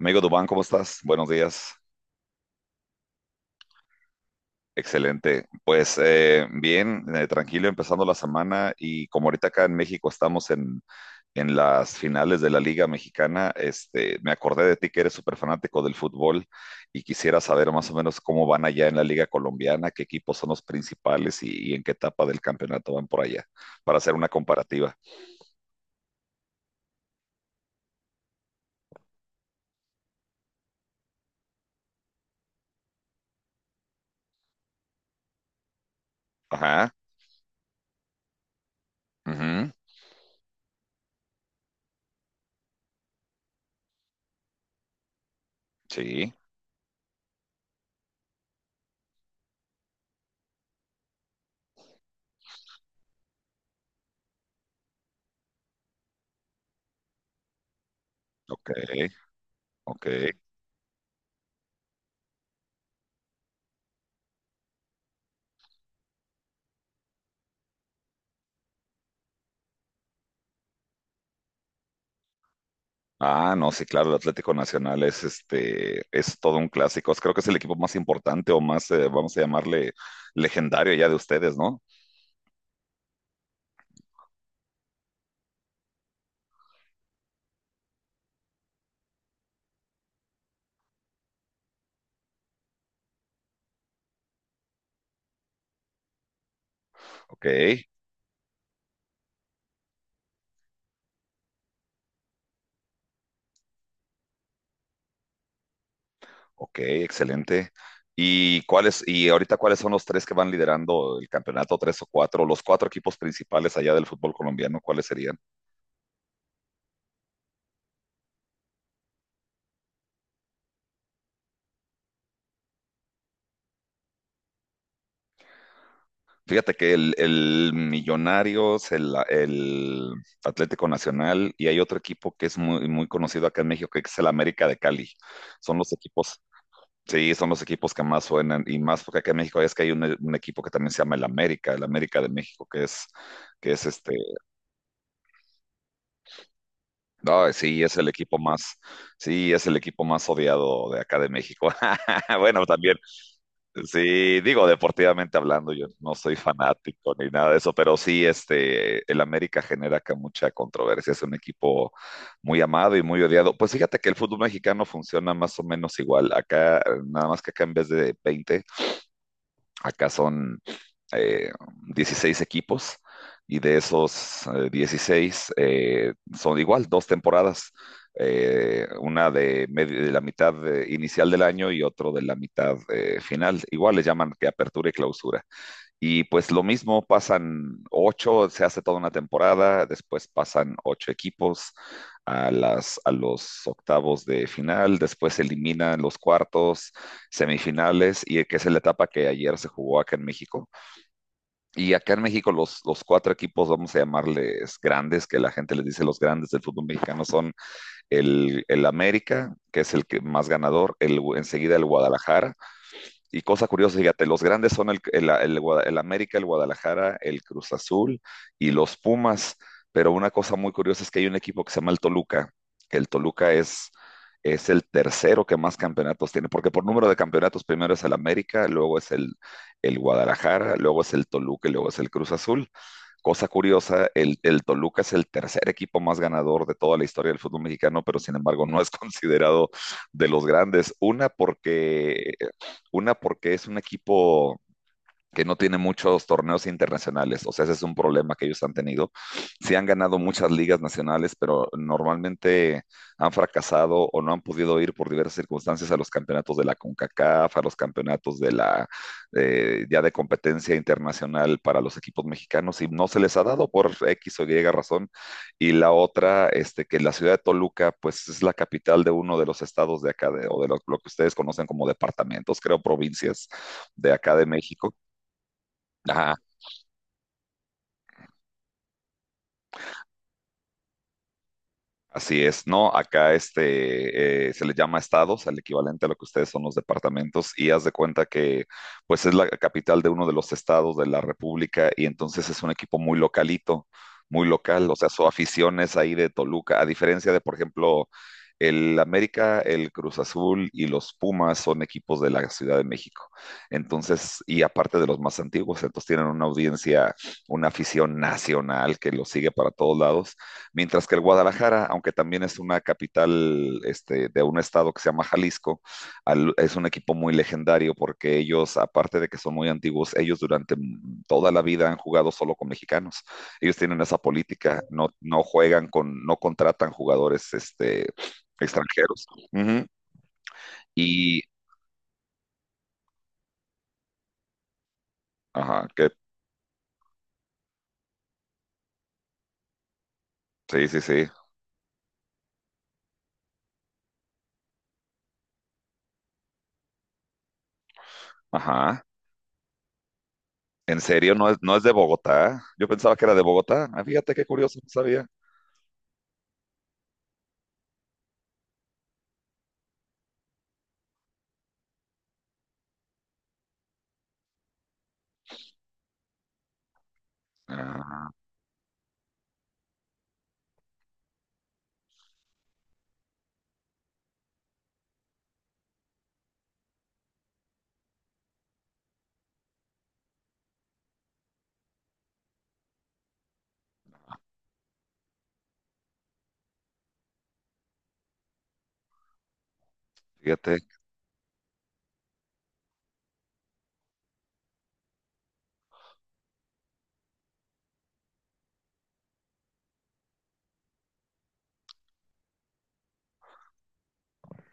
Amigo Dubán, ¿cómo estás? Buenos días. Excelente. Pues bien, tranquilo, empezando la semana y como ahorita acá en México estamos en las finales de la Liga Mexicana, este, me acordé de ti que eres súper fanático del fútbol y quisiera saber más o menos cómo van allá en la Liga Colombiana, qué equipos son los principales y en qué etapa del campeonato van por allá, para hacer una comparativa. Ajá, ujú, sí, ok, ok. Ah, no, sí, claro, el Atlético Nacional es este, es todo un clásico. Creo que es el equipo más importante o más, vamos a llamarle, legendario ya de ustedes, ¿no? Ok, ok, excelente. ¿Y ahorita cuáles son los tres que van liderando el campeonato, tres o cuatro, los cuatro equipos principales allá del fútbol colombiano, cuáles serían? Fíjate que el Millonarios, el Atlético Nacional, y hay otro equipo que es muy, muy conocido acá en México, que es el América de Cali. Son los equipos. Sí, son los equipos que más suenan y más porque acá en México es que hay un equipo que también se llama el América de México, que es este, no, sí, es el equipo más, sí, es el equipo más odiado de acá de México. Bueno, también, sí, digo, deportivamente hablando, yo no soy fanático ni nada de eso, pero sí, este, el América genera acá mucha controversia, es un equipo muy amado y muy odiado. Pues fíjate que el fútbol mexicano funciona más o menos igual, acá, nada más que acá en vez de 20. Acá son eh, 16 equipos y de esos 16 son igual, dos temporadas, una de la mitad inicial del año y otro de la mitad final. Igual le llaman que apertura y clausura. Y pues lo mismo, pasan ocho, se hace toda una temporada, después pasan ocho equipos a las, a los octavos de final, después se eliminan los cuartos, semifinales, y que es la etapa que ayer se jugó acá en México. Y acá en México los cuatro equipos, vamos a llamarles grandes, que la gente les dice los grandes del fútbol mexicano, son el América, que es el que más ganador, enseguida el Guadalajara, y cosa curiosa, fíjate, los grandes son el América, el Guadalajara, el Cruz Azul y los Pumas. Pero una cosa muy curiosa es que hay un equipo que se llama el Toluca, que el Toluca es el tercero que más campeonatos tiene, porque por número de campeonatos primero es el América, luego es el Guadalajara, luego es el Toluca y luego es el Cruz Azul. Cosa curiosa, el Toluca es el tercer equipo más ganador de toda la historia del fútbol mexicano, pero sin embargo no es considerado de los grandes. Una porque es un equipo que no tiene muchos torneos internacionales, o sea, ese es un problema que ellos han tenido. Sí han ganado muchas ligas nacionales, pero normalmente han fracasado o no han podido ir por diversas circunstancias a los campeonatos de la CONCACAF, a los campeonatos de la ya de competencia internacional para los equipos mexicanos y no se les ha dado por X o Y razón. Y la otra, este, que la ciudad de Toluca, pues es la capital de uno de los estados de acá, o lo que ustedes conocen como departamentos, creo, provincias de acá de México. Ajá, así es, ¿no? Acá este, se le llama estados, al equivalente a lo que ustedes son los departamentos, y haz de cuenta que pues es la capital de uno de los estados de la República y entonces es un equipo muy localito, muy local, o sea, su afición es ahí de Toluca, a diferencia de, por ejemplo, el América, el Cruz Azul y los Pumas son equipos de la Ciudad de México. Entonces, y aparte de los más antiguos, entonces tienen una audiencia, una afición nacional que los sigue para todos lados. Mientras que el Guadalajara, aunque también es una capital este, de un estado que se llama Jalisco, es un equipo muy legendario porque ellos, aparte de que son muy antiguos, ellos durante toda la vida han jugado solo con mexicanos. Ellos tienen esa política, no juegan con, no contratan jugadores este, extranjeros. Ujú. Y, ajá, que, sí, sí, sí, ajá. ¿En serio? ¿No es de Bogotá? Yo pensaba que era de Bogotá. Ah, fíjate qué curioso, no sabía. Ah, fíjate.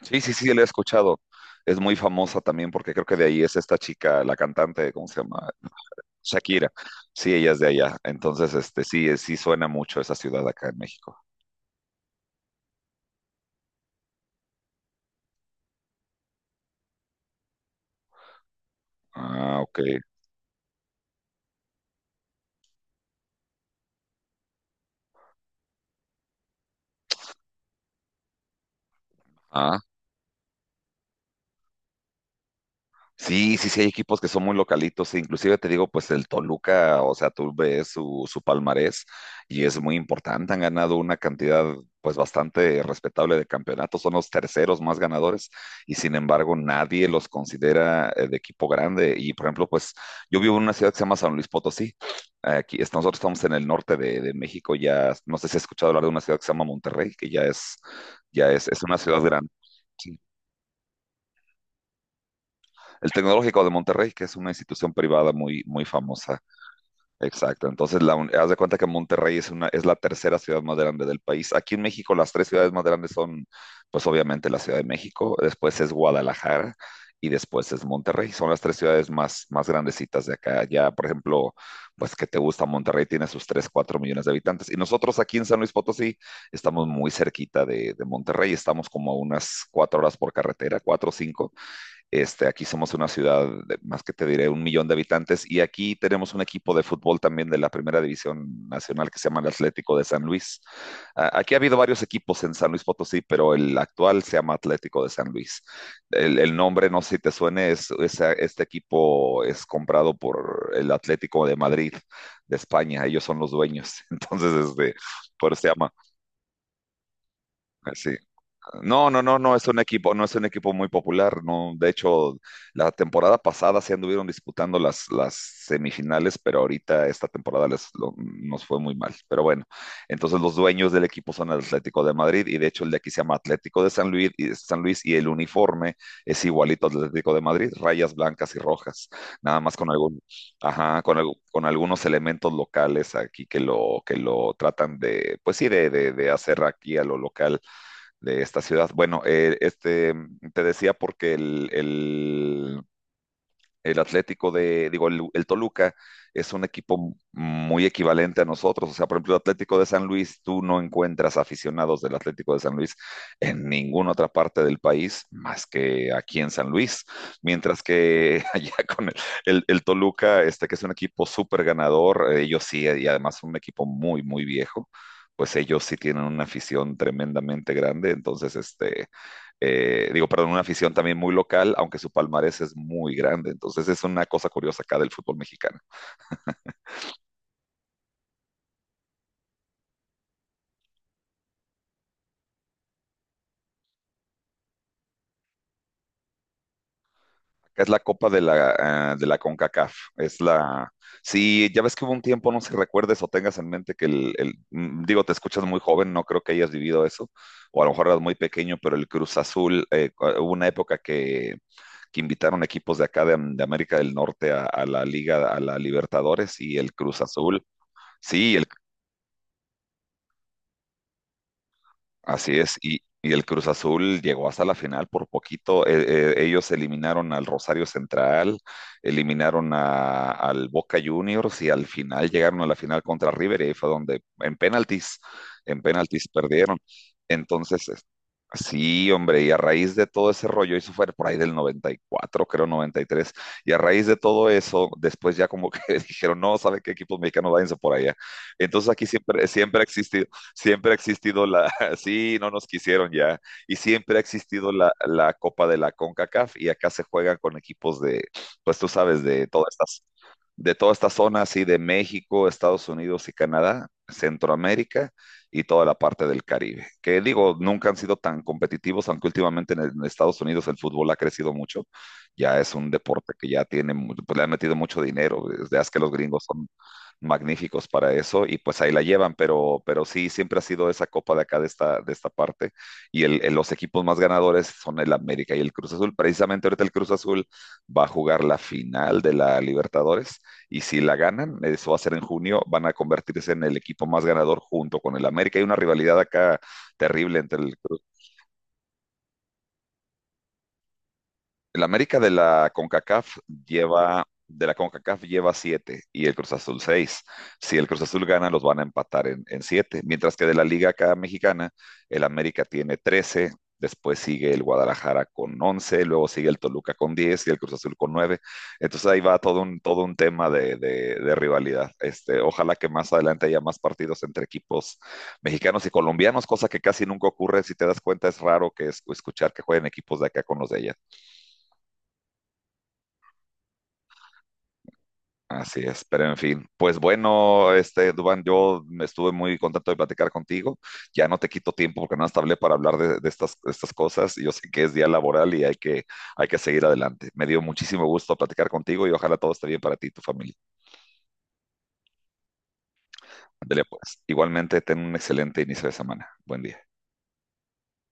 Sí, sí, sí, la he escuchado. Es muy famosa también porque creo que de ahí es esta chica, la cantante, ¿cómo se llama? Shakira. Sí, ella es de allá. Entonces, este, sí, sí suena mucho esa ciudad acá en México. Ah, ok. Ah, sí, sí, sí, hay equipos que son muy localitos, e inclusive te digo, pues el Toluca, o sea, tú ves su palmarés y es muy importante, han ganado una cantidad pues bastante respetable de campeonatos, son los terceros más ganadores y sin embargo nadie los considera de equipo grande y por ejemplo, pues yo vivo en una ciudad que se llama San Luis Potosí, aquí nosotros estamos en el norte de México, ya no sé si has escuchado hablar de una ciudad que se llama Monterrey, que es una ciudad grande. Sí. El Tecnológico de Monterrey, que es una institución privada muy, muy famosa. Exacto. Entonces, haz de cuenta que Monterrey es es la tercera ciudad más grande del país. Aquí en México, las tres ciudades más grandes son, pues obviamente, la Ciudad de México, después es Guadalajara y después es Monterrey. Son las tres ciudades más, más grandecitas de acá. Ya, por ejemplo, pues que te gusta, Monterrey tiene sus 3 4 millones de habitantes. Y nosotros aquí en San Luis Potosí estamos muy cerquita de Monterrey. Estamos como a unas 4 horas por carretera, 4 o 5. Este, aquí somos una ciudad de más que te diré un millón de habitantes y aquí tenemos un equipo de fútbol también de la primera división nacional que se llama el Atlético de San Luis. Aquí ha habido varios equipos en San Luis Potosí, pero el actual se llama Atlético de San Luis. El nombre, no sé si te suene, este equipo es comprado por el Atlético de Madrid de España. Ellos son los dueños, entonces este, por eso se llama. Sí, no, no, no, no es un equipo muy popular, no. De hecho, la temporada pasada se anduvieron disputando las semifinales, pero ahorita esta temporada nos fue muy mal. Pero bueno, entonces los dueños del equipo son el Atlético de Madrid y de hecho el de aquí se llama Atlético de San Luis y el uniforme es igualito al del Atlético de Madrid, rayas blancas y rojas, nada más con algún, ajá, con, con algunos elementos locales aquí que lo tratan de, pues sí, de hacer aquí a lo local de esta ciudad. Bueno, este, te decía porque el Atlético de, digo, el Toluca es un equipo muy equivalente a nosotros. O sea, por ejemplo, el Atlético de San Luis, tú no encuentras aficionados del Atlético de San Luis en ninguna otra parte del país más que aquí en San Luis. Mientras que allá con el Toluca, este que es un equipo súper ganador, ellos sí, y además un equipo muy, muy viejo pues ellos sí tienen una afición tremendamente grande, entonces este, digo, perdón, una afición también muy local, aunque su palmarés es muy grande. Entonces es una cosa curiosa acá del fútbol mexicano. Acá es la Copa de la CONCACAF. Es la. Sí, ya ves que hubo un tiempo, no sé si recuerdes o tengas en mente que digo, te escuchas muy joven, no creo que hayas vivido eso, o a lo mejor eras muy pequeño, pero el Cruz Azul, hubo una época que, invitaron equipos de acá de América del Norte a la Liga, a la Libertadores y el Cruz Azul. Sí, así es, y, el Cruz Azul llegó hasta la final por poquito. ellos eliminaron al Rosario Central, eliminaron al Boca Juniors y al final llegaron a la final contra River y ahí fue donde en penaltis perdieron. Entonces, sí, hombre, y a raíz de todo ese rollo, eso fue por ahí del 94, creo 93, y tres, y a raíz de todo eso, después ya como que dijeron, no, ¿sabe qué equipos mexicanos váyanse por allá? Entonces aquí siempre ha existido, siempre ha existido la, sí, no nos quisieron ya, y siempre ha existido la Copa de la CONCACAF y acá se juegan con equipos de, pues tú sabes, de toda esta zona así de México, Estados Unidos y Canadá, Centroamérica y toda la parte del Caribe. Que digo, nunca han sido tan competitivos, aunque últimamente en Estados Unidos el fútbol ha crecido mucho. Ya es un deporte que ya tiene, pues le han metido mucho dinero. Desde hace que los gringos son magníficos para eso y pues ahí la llevan, pero sí, siempre ha sido esa copa de acá, de esta parte. Y los equipos más ganadores son el América y el Cruz Azul. Precisamente ahorita el Cruz Azul va a jugar la final de la Libertadores y si la ganan, eso va a ser en junio, van a convertirse en el equipo más ganador junto con el América. Hay una rivalidad acá terrible entre el Cruz. El América de la CONCACAF lleva siete y el Cruz Azul seis. Si el Cruz Azul gana, los van a empatar en, siete. Mientras que de la Liga acá mexicana, el América tiene 13, después sigue el Guadalajara con 11, luego sigue el Toluca con 10 y el Cruz Azul con 9. Entonces ahí va todo un tema de rivalidad. Este, ojalá que más adelante haya más partidos entre equipos mexicanos y colombianos, cosa que casi nunca ocurre. Si te das cuenta, es raro que escuchar que jueguen equipos de acá con los de allá. Así es, pero en fin, pues bueno, este Dubán, yo me estuve muy contento de platicar contigo. Ya no te quito tiempo porque no hasta hablé para hablar de estas cosas. Yo sé que es día laboral y hay que seguir adelante. Me dio muchísimo gusto platicar contigo y ojalá todo esté bien para ti y tu familia. Ándale, pues. Igualmente, ten un excelente inicio de semana. Buen día.